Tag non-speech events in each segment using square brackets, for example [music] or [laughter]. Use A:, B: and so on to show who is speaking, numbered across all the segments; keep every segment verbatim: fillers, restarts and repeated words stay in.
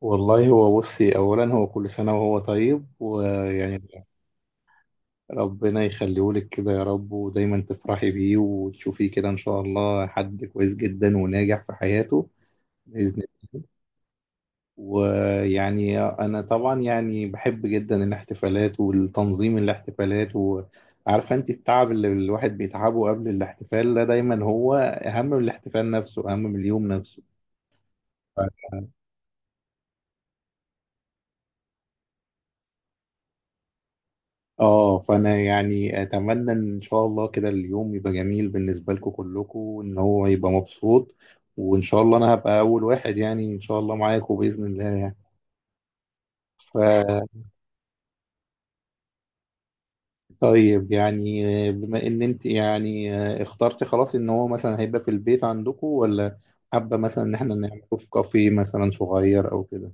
A: والله هو بصي، أولا هو كل سنة وهو طيب، ويعني ربنا يخليهولك كده يا رب، ودايما تفرحي بيه وتشوفيه كده إن شاء الله، حد كويس جدا وناجح في حياته بإذن الله. ويعني أنا طبعا يعني بحب جدا الاحتفالات والتنظيم الاحتفالات، وعارفة أنت التعب اللي الواحد بيتعبه قبل الاحتفال ده دايما هو أهم من الاحتفال نفسه، أهم من اليوم نفسه. اه، فانا يعني اتمنى ان شاء الله كده اليوم يبقى جميل بالنسبه لكم كلكم، وان هو يبقى مبسوط. وان شاء الله انا هبقى اول واحد يعني ان شاء الله معاكم باذن الله يعني. ف طيب يعني آه، بما ان انت يعني آه، اخترتي خلاص ان هو مثلا هيبقى في البيت عندكم، ولا حابه مثلا ان احنا نعمله في كافيه مثلا صغير او كده؟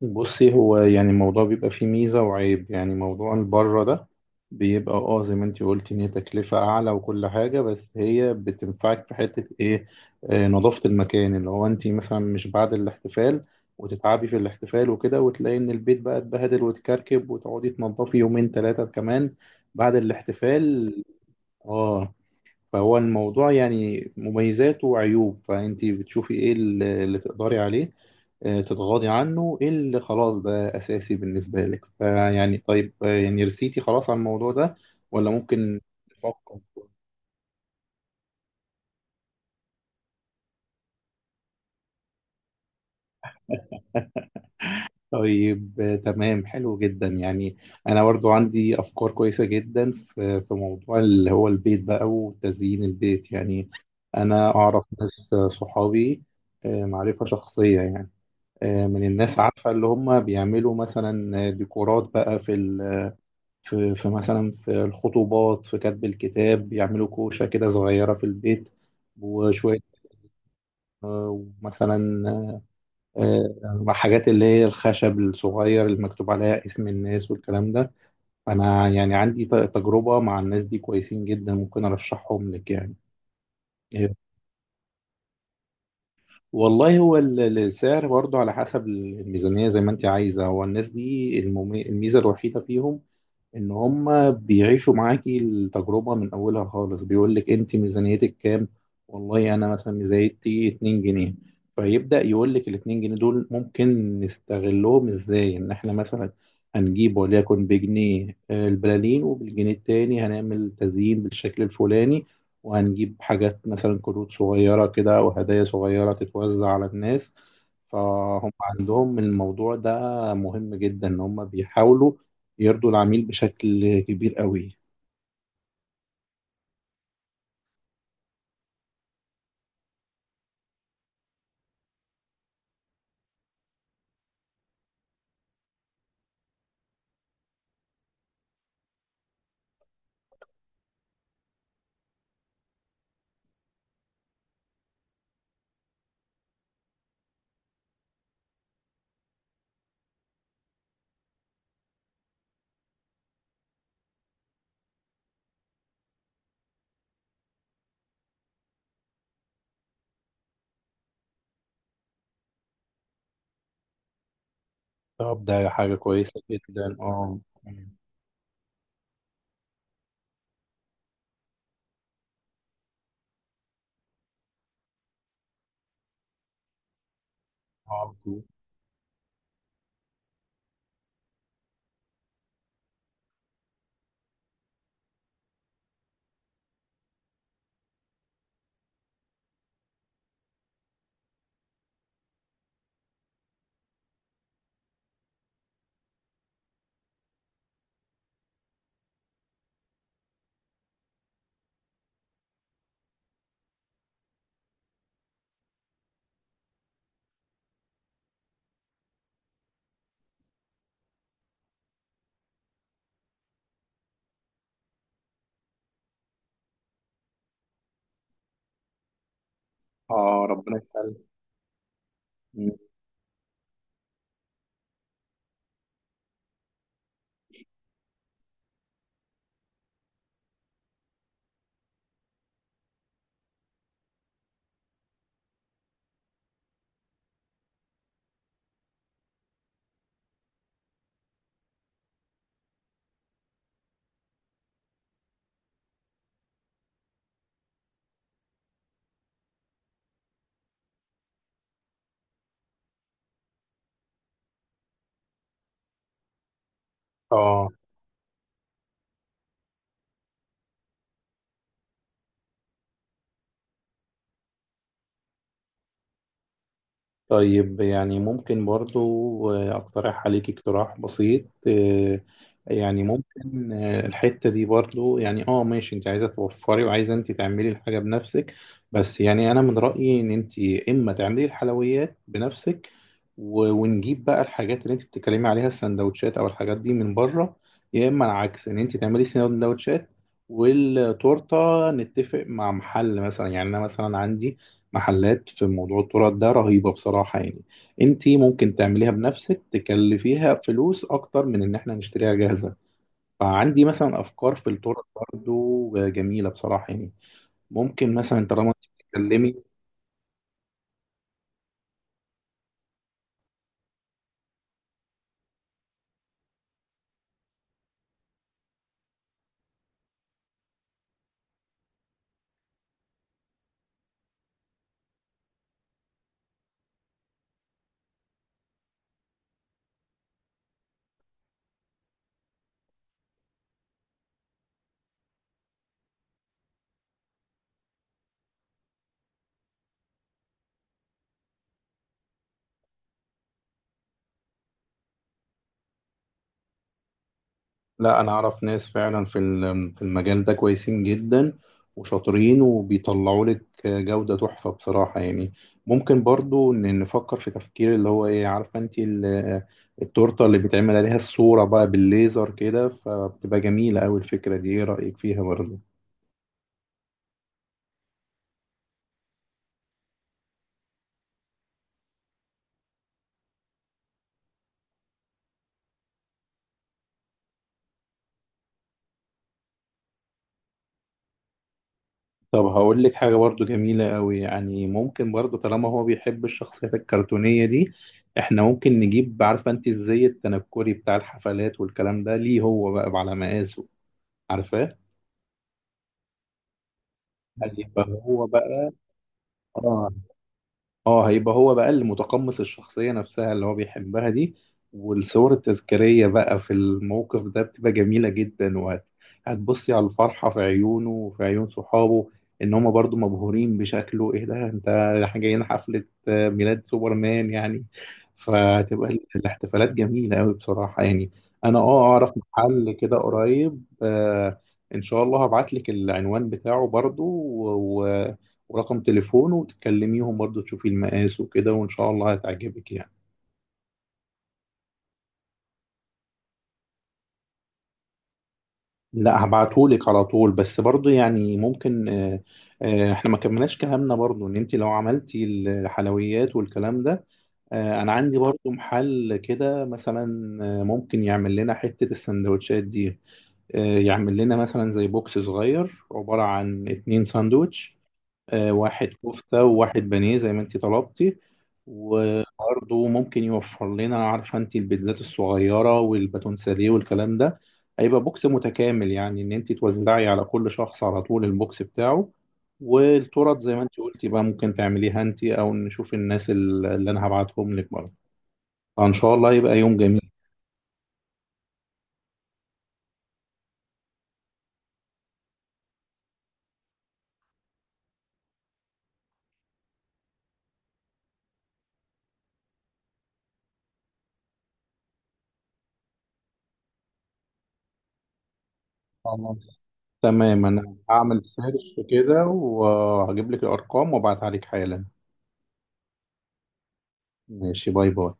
A: بصي، هو يعني الموضوع بيبقى فيه ميزة وعيب، يعني موضوع البره ده بيبقى اه زي ما انتي قلتي ان هي تكلفة اعلى وكل حاجة، بس هي بتنفعك في حتة ايه؟ آه نظافة المكان، اللي هو انتي مثلا مش بعد الاحتفال وتتعبي في الاحتفال وكده وتلاقي ان البيت بقى اتبهدل وتكركب وتقعدي تنضفي يومين ثلاثة كمان بعد الاحتفال. اه، فهو الموضوع يعني مميزات وعيوب، فأنت بتشوفي إيه اللي اللي تقدري عليه، آه، تتغاضي عنه، إيه اللي خلاص ده أساسي بالنسبة لك. فيعني طيب، آه، يعني رسيتي خلاص على الموضوع ده ولا ممكن نفكر؟ [laughs] طيب آه، تمام، حلو جدا يعني. انا برضو عندي افكار كويسه جدا في في موضوع اللي هو البيت بقى وتزيين البيت يعني. انا اعرف ناس، آه، صحابي، آه، معرفه شخصيه يعني، آه، من الناس، عارفة اللي هم بيعملوا مثلا ديكورات بقى في ال... في في مثلا في الخطوبات، في كتب الكتاب، بيعملوا كوشة كده صغيرة في البيت وشوية، آه، ومثلا آه، حاجات اللي هي الخشب الصغير اللي مكتوب عليها اسم الناس والكلام ده. أنا يعني عندي ت- تجربة مع الناس دي كويسين جدا، ممكن أرشحهم لك يعني. آه، والله هو ال- ال- السعر برضو على حسب الميزانية زي ما أنت عايزة. هو الناس دي الممي- الميزة الوحيدة فيهم ان هم بيعيشوا معاكي التجربة من اولها خالص. بيقول لك انت ميزانيتك كام، والله انا مثلا ميزانيتي اتنين جنيه. فيبدأ يقول لك ال الاتنين جنيه دول ممكن نستغلهم ازاي، ان احنا مثلا هنجيب وليكن بجنيه آه، البلالين، وبالجنيه التاني هنعمل تزيين بالشكل الفلاني، وهنجيب حاجات مثلا كروت صغيرة كده او هدايا صغيرة تتوزع على الناس. فهم عندهم الموضوع ده مهم جدا ان هم بيحاولوا يرضوا العميل بشكل كبير قوي. طب ده حاجة كويسة جدا اه. اه، آه، ربنا يسلمك. اه، طيب يعني ممكن برضو آه، أقترح عليك اقتراح بسيط آه، يعني. ممكن آه، الحتة دي برضو يعني اه ماشي، انت عايزة توفري وعايزة انت تعملي الحاجة بنفسك. بس يعني أنا من رأيي إن انت إما تعملي الحلويات بنفسك و- ونجيب بقى الحاجات اللي انت بتتكلمي عليها السندوتشات أو الحاجات دي من بره، يا إما العكس، إن انت تعملي سندوتشات والتورتة نتفق مع محل مثلا. يعني أنا مثلا عندي محلات في موضوع التورت ده رهيبة بصراحة يعني. انتي ممكن تعمليها بنفسك تكلفيها فلوس اكتر من ان احنا نشتريها جاهزة، فعندي مثلا افكار في التورت برضو جميلة بصراحة يعني. ممكن مثلا طالما انت بتتكلمي. لا، انا اعرف ناس فعلا في ال- في المجال ده كويسين جدا وشاطرين وبيطلعوا لك جودة تحفة بصراحة يعني. ممكن برضو إن نفكر في تفكير اللي هو ايه، عارفة انت ال- التورتة اللي بيتعمل عليها الصورة بقى بالليزر كده، فبتبقى جميلة أوي. الفكرة دي ايه رأيك فيها برضو؟ طب هقول لك حاجة برضو جميلة أوي يعني. ممكن برضو طالما هو بيحب الشخصيات الكرتونية دي، احنا ممكن نجيب، عارفة انت الزي التنكري بتاع الحفلات والكلام ده، ليه هو بقى على مقاسه؟ عارفاه؟ أيوة، فهو بقى آه اه هيبقى هو بقى اللي متقمص الشخصية نفسها اللي هو بيحبها دي. والصور التذكارية بقى في الموقف ده بتبقى جميلة جدا، وهت- هتبصي على الفرحة في عيونه وفي عيون صحابه، ان هما برضو مبهورين بشكله. ايه ده انت، احنا جايين حفلة آه، ميلاد سوبرمان يعني. فهتبقى ال- الاحتفالات جميلة قوي بصراحة يعني. انا اه اعرف محل كده قريب آه. ان شاء الله هبعت لك العنوان بتاعه برضو، ورقم تليفونه وتكلميهم برضه تشوفي المقاس وكده وإن شاء الله هتعجبك يعني. لا هبعتهولك على طول، بس برضه يعني ممكن آه، آه، احنا ما كملناش كلامنا برضه، ان انت لو عملتي الحلويات والكلام ده، آه، انا عندي برضه محل كده مثلا آه، ممكن يعمل لنا حتة السندوتشات دي. آه، يعمل لنا مثلا زي بوكس صغير عبارة عن اتنين ساندوتش، آه، واحد كفتة وواحد بانيه زي ما انت طلبتي. وبرضه ممكن يوفر لنا، عارفة انت البيتزات الصغيرة والباتون ساليه والكلام ده. هيبقى بوكس متكامل يعني، ان انت توزعي على كل شخص على طول البوكس بتاعه. والتورت زي ما انت قلتي بقى، ممكن تعمليها انت او نشوف الناس ال- اللي انا هبعتهم لك برضه. فان شاء الله يبقى يوم جميل. خلاص تمام، انا هعمل سيرش كده وهجيب لك الارقام وابعتها لك حالا. ماشي، باي باي.